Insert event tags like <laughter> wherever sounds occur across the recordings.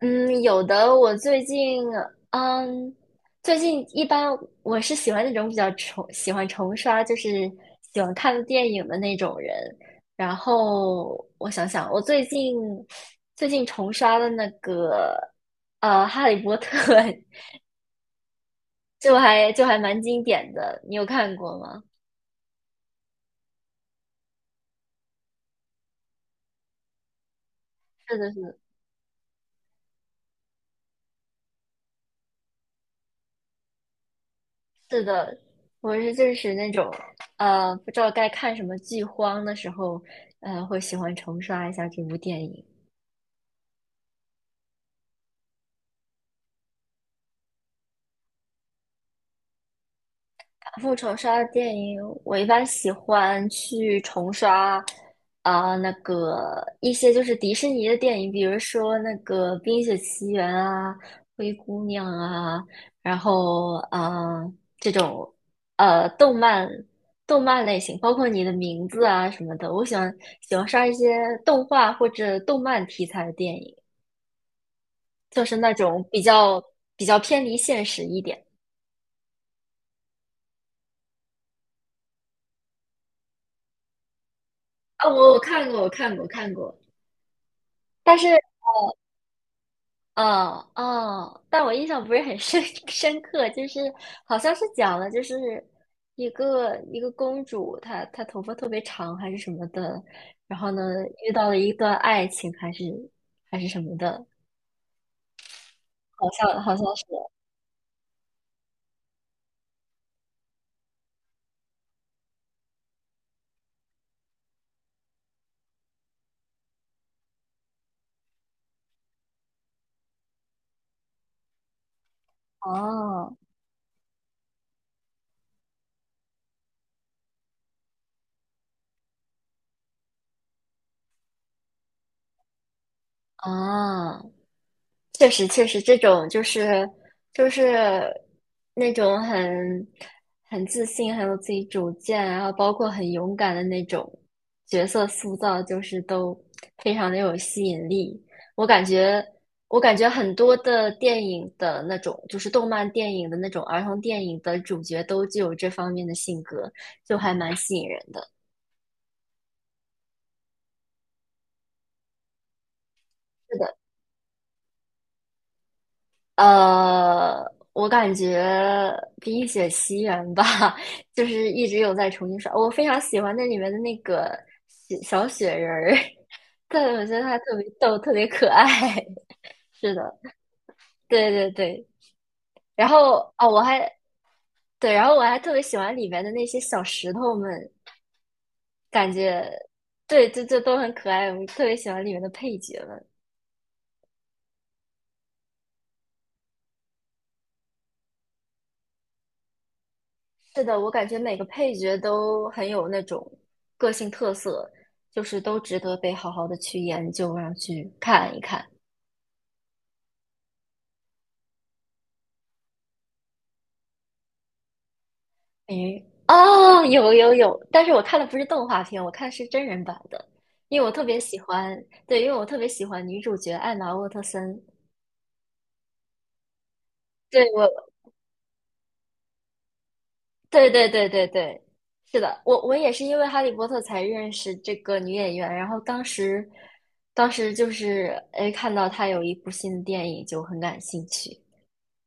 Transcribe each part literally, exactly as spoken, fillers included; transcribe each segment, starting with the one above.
嗯，有的。我最近，嗯，最近一般我是喜欢那种比较重，喜欢重刷，就是喜欢看电影的那种人。然后我想想，我最近最近重刷的那个，呃，《哈利波特》<laughs> 就还就还蛮经典的，你有看过吗？是的，是的，是的，我是就是那种，呃，不知道该看什么剧荒的时候，呃，会喜欢重刷一下这部电影。复仇杀的电影，我一般喜欢去重刷啊、那个一些就是迪士尼的电影，比如说那个《冰雪奇缘》啊，《灰姑娘》啊，然后啊、这种呃动漫动漫类型，包括你的名字啊什么的，我喜欢喜欢刷一些动画或者动漫题材的电影，就是那种比较比较偏离现实一点啊、我我看过，我看过，看过。但是哦哦，但我印象不是很深 <laughs> 深刻，就是好像是讲了，就是一个一个公主，她她头发特别长还是什么的，然后呢遇到了一段爱情还是还是什么的，好像好像是哦哦，确实，确实，这种就是就是那种很很自信、很有自己主见，然后包括很勇敢的那种角色塑造，就是都非常的有吸引力。我感觉，我感觉很多的电影的那种，就是动漫电影的那种儿童电影的主角都具有这方面的性格，就还蛮吸引人的。是的。呃，我感觉比冰雪奇缘》吧，<laughs> 就是一直有在重新刷。我非常喜欢那里面的那个雪小雪人儿，<laughs> 对，我觉得他特别逗，特别可爱。<laughs> 是的，对对对。然后哦，我还对，然后我还特别喜欢里面的那些小石头们，感觉对，就就都很可爱。我特别喜欢里面的配角们。是的，我感觉每个配角都很有那种个性特色，就是都值得被好好的去研究啊，然后去看一看。诶，哦，有有有，但是我看的不是动画片，我看是真人版的，因为我特别喜欢，对，因为我特别喜欢女主角艾玛沃特森。对，我，对对对对对，是的，我我也是因为《哈利波特》才认识这个女演员，然后当时，当时就是哎看到她有一部新的电影就很感兴趣。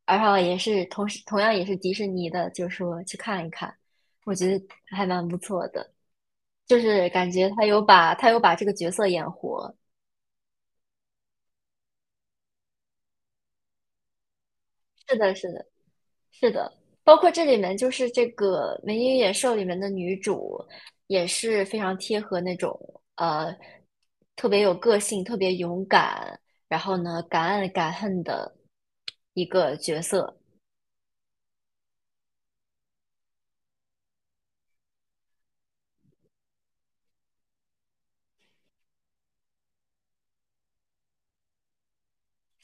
然后也是同时同样也是迪士尼的，就是说去看一看，我觉得还蛮不错的，就是感觉他有把他有把这个角色演活。是的，是的，是的，包括这里面就是这个《美女与野兽》里面的女主也是非常贴合那种呃特别有个性、特别勇敢，然后呢敢爱敢恨的一个角色。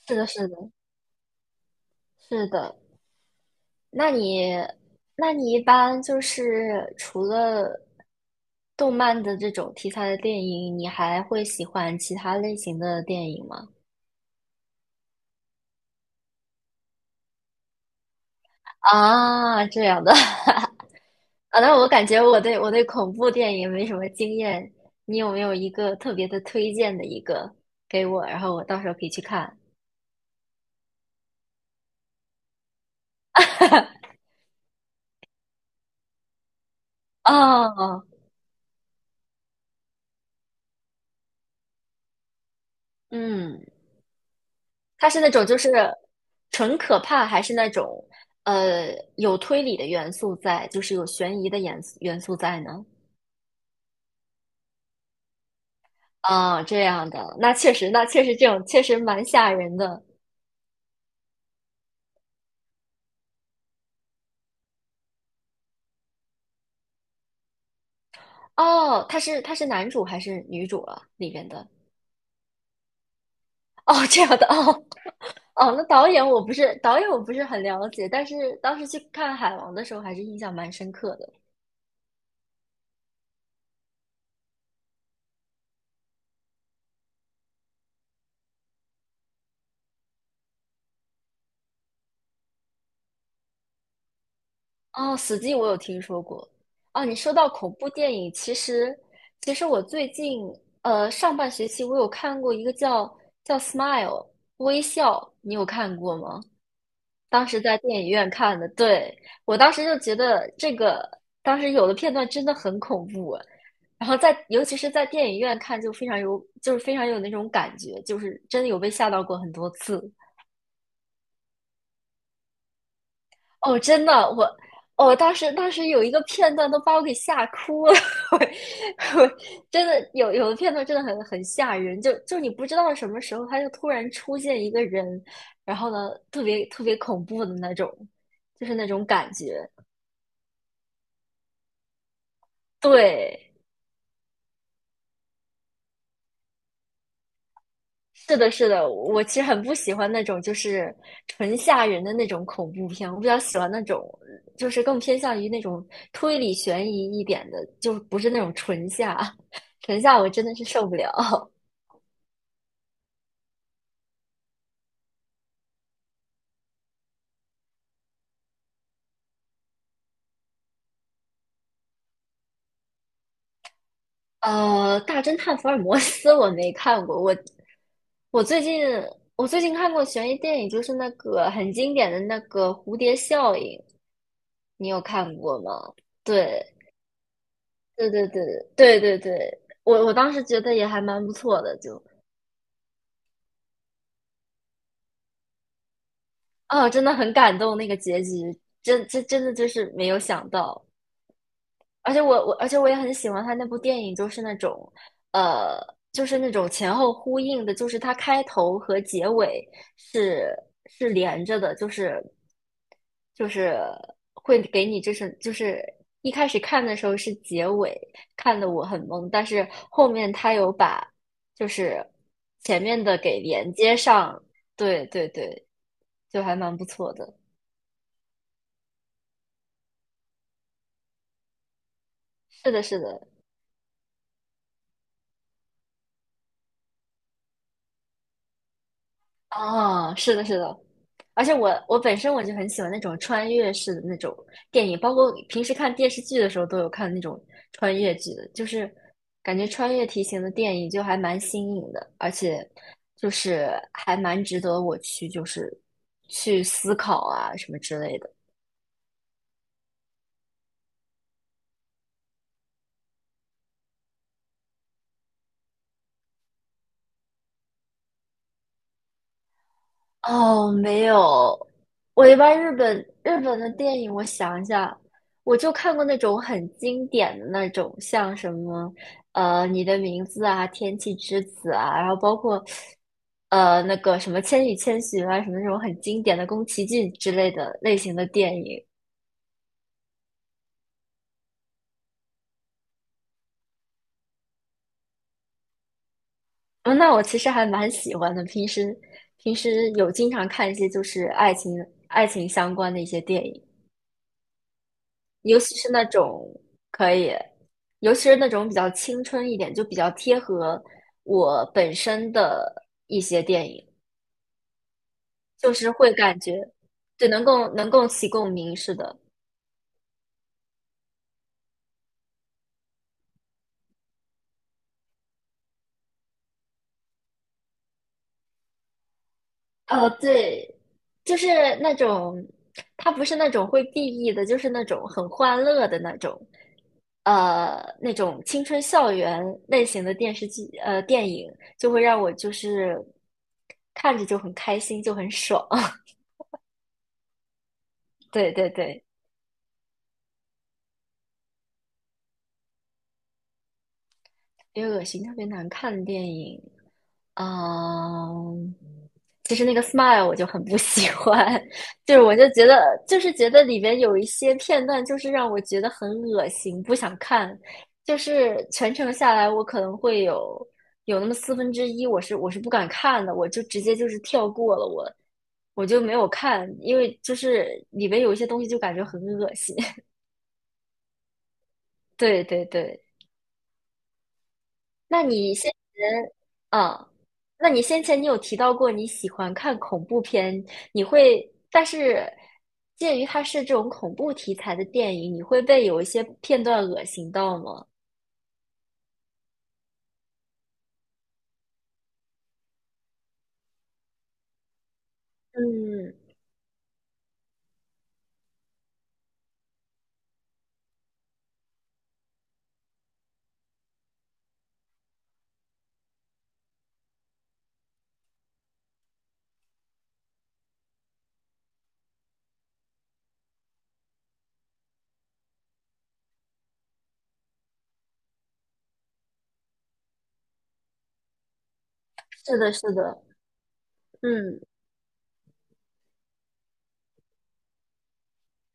是的，是的，是的。那你，那你一般就是除了动漫的这种题材的电影，你还会喜欢其他类型的电影吗？啊，这样的 <laughs> 啊，那我感觉我对我对恐怖电影没什么经验，你有没有一个特别的推荐的一个给我，然后我到时候可以去看？哦，嗯，它是那种就是纯可怕，还是那种呃有推理的元素在，就是有悬疑的元素元素在呢？啊，这样的，那确实，那确实这种确实蛮吓人的。哦，他是他是男主还是女主啊？里边的哦，这样的哦哦，那导演我不是导演我不是很了解，但是当时去看《海王》的时候还是印象蛮深刻的。哦，《死寂》我有听说过。哦，你说到恐怖电影，其实其实我最近呃上半学期我有看过一个叫叫《Smile》微笑，你有看过吗？当时在电影院看的，对，我当时就觉得这个，当时有的片段真的很恐怖，然后在尤其是在电影院看就非常有，就是非常有那种感觉，就是真的有被吓到过很多次。哦，真的，我，哦，当时当时有一个片段都把我给吓哭了，<laughs> 我我真的有有的片段真的很很吓人，就就你不知道什么时候他就突然出现一个人，然后呢，特别特别恐怖的那种，就是那种感觉。对，是的，是的，我其实很不喜欢那种就是纯吓人的那种恐怖片，我比较喜欢那种就是更偏向于那种推理悬疑一点的，就不是那种纯吓，<laughs> 纯吓我真的是受不了。呃，《大侦探福尔摩斯》我没看过，我我最近我最近看过悬疑电影，就是那个很经典的那个《蝴蝶效应》，你有看过吗？对，对对对对对对，我我当时觉得也还蛮不错的，就啊，真的很感动那个结局，真真真的就是没有想到，而且我我而且我也很喜欢他那部电影，就是那种，呃，就是那种前后呼应的，就是它开头和结尾是是连着的，就是就是会给你就是就是一开始看的时候是结尾，看的我很懵，但是后面他有把就是前面的给连接上，对对对，就还蛮不错的。是的，是的，哦，是的，是的，而且我我本身我就很喜欢那种穿越式的那种电影，包括平时看电视剧的时候都有看那种穿越剧的，就是感觉穿越题型的电影就还蛮新颖的，而且就是还蛮值得我去就是去思考啊什么之类的。哦，没有，我一般日本日本的电影，我想一下，我就看过那种很经典的那种，像什么呃《你的名字》啊，《天气之子》啊，然后包括呃那个什么《千与千寻》啊，什么那种很经典的宫崎骏之类的类型的电影。嗯，那我其实还蛮喜欢的，平时平时有经常看一些就是爱情爱情相关的一些电影。尤其是那种可以，尤其是那种比较青春一点，就比较贴合我本身的一些电影，就是会感觉，对，能够能够起共鸣，似的，呃，对，就是那种，它不是那种会 B E 的，就是那种很欢乐的那种，呃，那种青春校园类型的电视剧，呃，电影就会让我就是看着就很开心，就很爽，<laughs> 对对对。别恶心，特别难看的电影，嗯，其实那个《Smile》我就很不喜欢，<laughs> 就是我就觉得，就是觉得里边有一些片段，就是让我觉得很恶心，不想看。就是全程下来，我可能会有有那么四分之一，我是我是不敢看的，我就直接就是跳过了我，我就没有看，因为就是里边有一些东西就感觉很恶心。<laughs> 对对对。那你先前，嗯，那你先前，你有提到过你喜欢看恐怖片，你会，但是鉴于它是这种恐怖题材的电影，你会被有一些片段恶心到吗？嗯，是的，是的，嗯，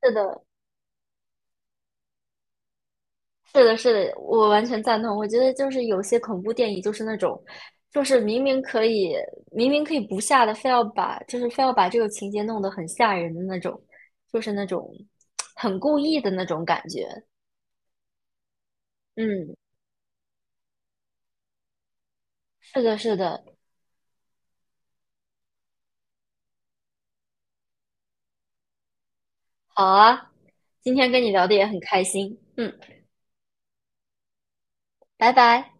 是的，是的，是的，我完全赞同。我觉得就是有些恐怖电影就是那种，就是明明可以，明明可以不吓的，非要把，就是非要把这个情节弄得很吓人的那种，就是那种很故意的那种感觉。嗯，是的，是的，好啊，今天跟你聊的也很开心，嗯，拜拜。